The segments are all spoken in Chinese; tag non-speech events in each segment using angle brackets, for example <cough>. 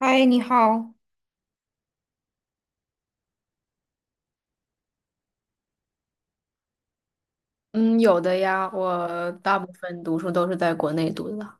嗨，你好。嗯，有的呀，我大部分读书都是在国内读的。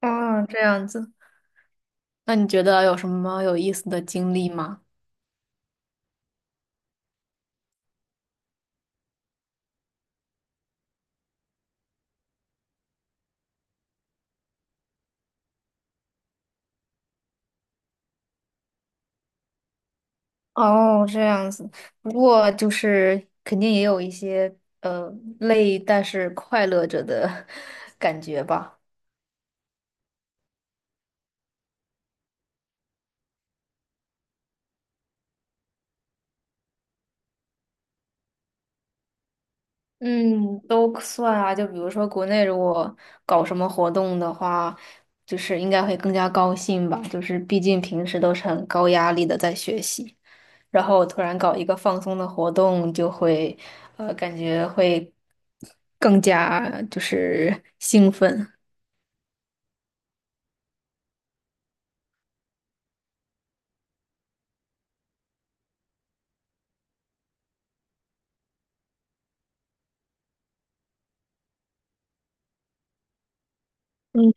啊，这样子。那你觉得有什么有意思的经历吗？哦，这样子。不过就是肯定也有一些呃累，但是快乐着的 <laughs> 感觉吧。嗯，都算啊。就比如说国内如果搞什么活动的话，就是应该会更加高兴吧。就是毕竟平时都是很高压力的在学习。然后突然搞一个放松的活动，就会感觉会更加就是兴奋。嗯，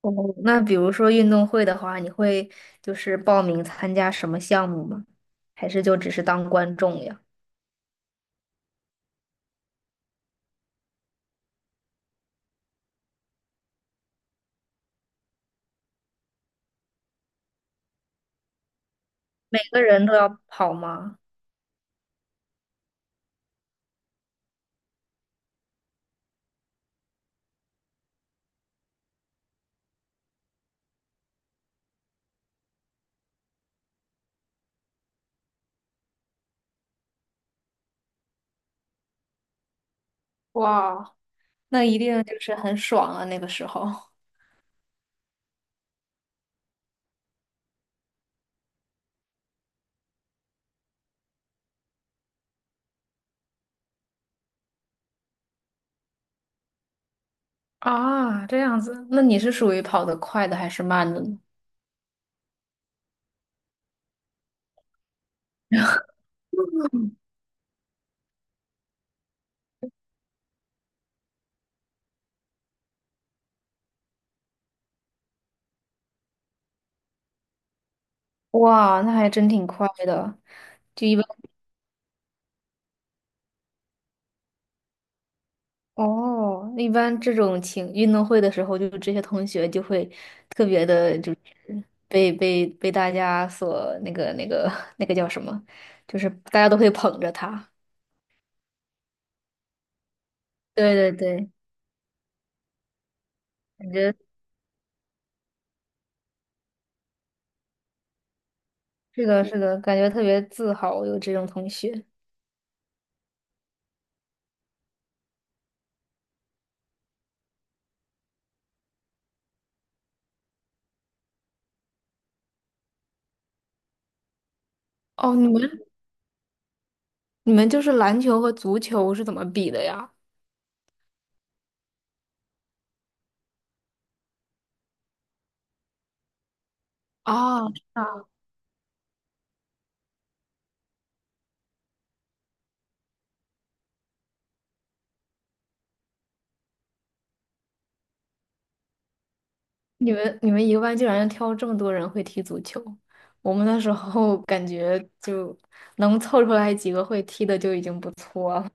哦，那比如说运动会的话，你会就是报名参加什么项目吗？还是就只是当观众呀？每个人都要跑吗？哇，那一定就是很爽啊，那个时候。<laughs> 啊，这样子，那你是属于跑得快的还是慢的呢？哇，那还真挺快的。就一般。哦，一般这种情运动会的时候，就这些同学就会特别的，就是被大家所那个 <laughs> 那个叫什么，就是大家都会捧着他。对对对，感觉是的，是的，感觉特别自豪有这种同学。哦，你们就是篮球和足球是怎么比的呀？啊。是你们一个班竟然挑这么多人会踢足球，我们那时候 <laughs> 感觉就能凑出来几个会踢的就已经不错了。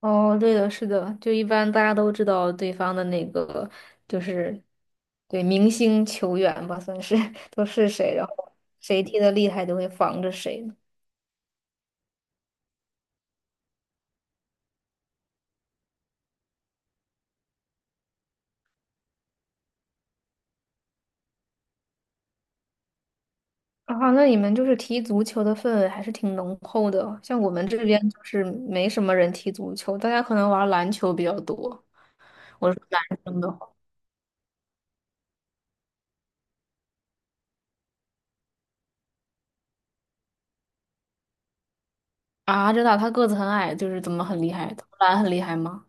哦，对的，是的，就一般大家都知道对方的那个就是对明星球员吧，算是 <laughs> 都是谁，然后谁踢的厉害就会防着谁。啊，那你们就是踢足球的氛围还是挺浓厚的，像我们这边就是没什么人踢足球，大家可能玩篮球比较多。我是男生的话。啊，真的，他个子很矮，就是怎么很厉害？投篮很厉害吗？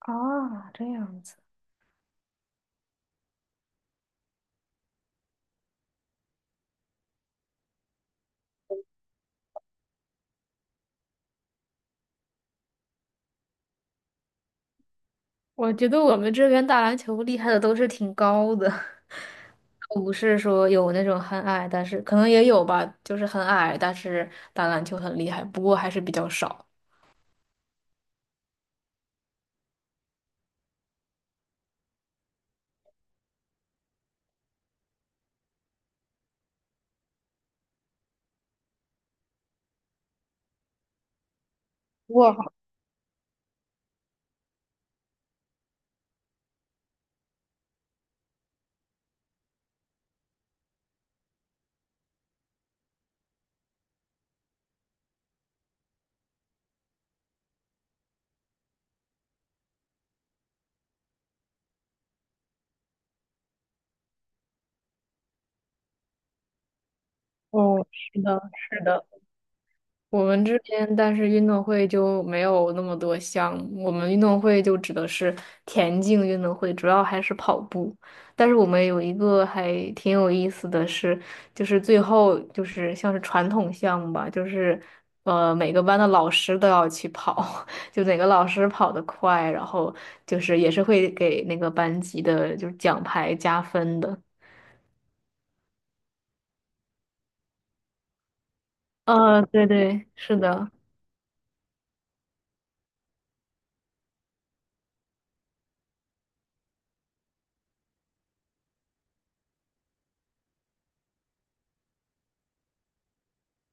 啊，这样子。我觉得我们这边打篮球厉害的都是挺高的，<laughs> 不是说有那种很矮，但是可能也有吧，就是很矮，但是打篮球很厉害，不过还是比较少。哇，哦，是的，是的。我们这边，但是运动会就没有那么多项目。我们运动会就指的是田径运动会，主要还是跑步。但是我们有一个还挺有意思的是，就是最后就是像是传统项目吧，就是每个班的老师都要去跑，<laughs> 就哪个老师跑得快，然后就是也是会给那个班级的就是奖牌加分的。对对，是的。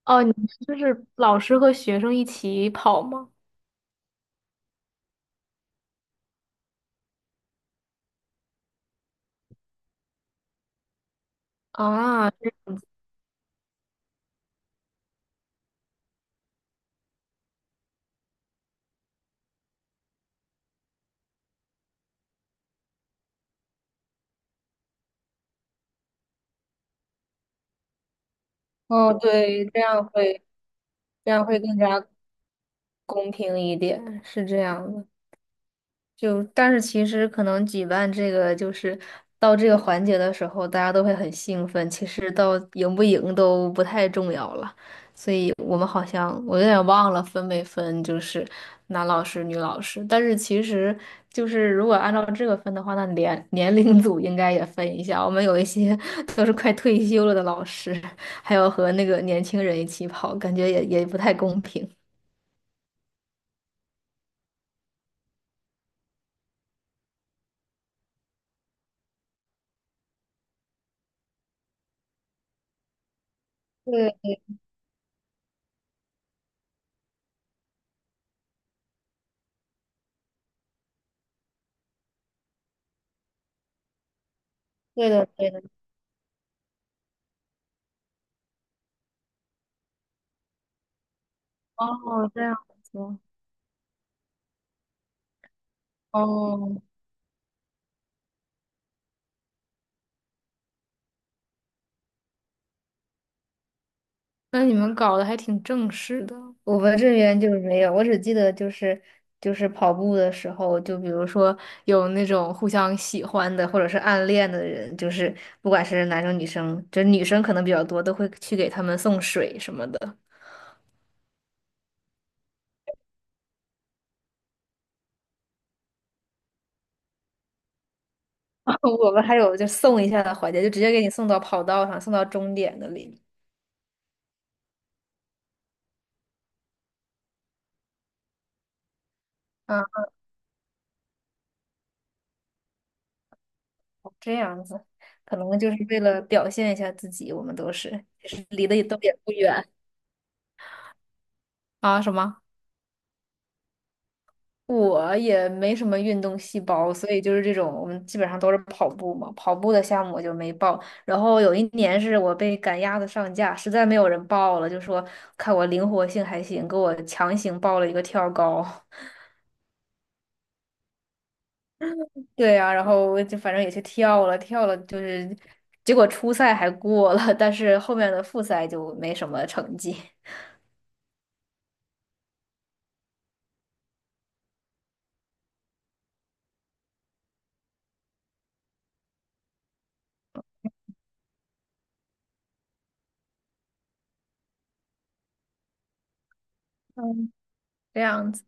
哦，你们就是老师和学生一起跑吗？啊，哦，对，这样会更加公平一点，是这样的。就但是其实可能举办这个就是到这个环节的时候，大家都会很兴奋，其实到赢不赢都不太重要了。所以我们好像我有点忘了分没分，就是男老师、女老师。但是其实就是如果按照这个分的话，那年龄组应该也分一下。我们有一些 <laughs> 都是快退休了的老师，还有和那个年轻人一起跑，感觉也不太公平。对，对的，对的。哦，这样子。哦，那你们搞得还挺正式的。我们这边就是没有，我只记得就是就是跑步的时候，就比如说有那种互相喜欢的或者是暗恋的人，就是不管是男生女生，就女生可能比较多，都会去给他们送水什么的。<laughs> 我们还有就送一下的环节，就直接给你送到跑道上，送到终点那里。啊，这样子，可能就是为了表现一下自己，我们都是，其实离得也不远啊，什么？我也没什么运动细胞，所以就是这种，我们基本上都是跑步嘛。跑步的项目我就没报。然后有一年是我被赶鸭子上架，实在没有人报了，就说看我灵活性还行，给我强行报了一个跳高。<laughs> 对呀、然后我就反正也去跳了，跳了就是，结果初赛还过了，但是后面的复赛就没什么成绩。嗯，这样子，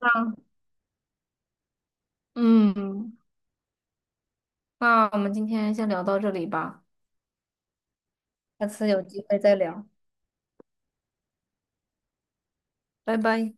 那嗯，那我们今天先聊到这里吧，下次有机会再聊，拜拜。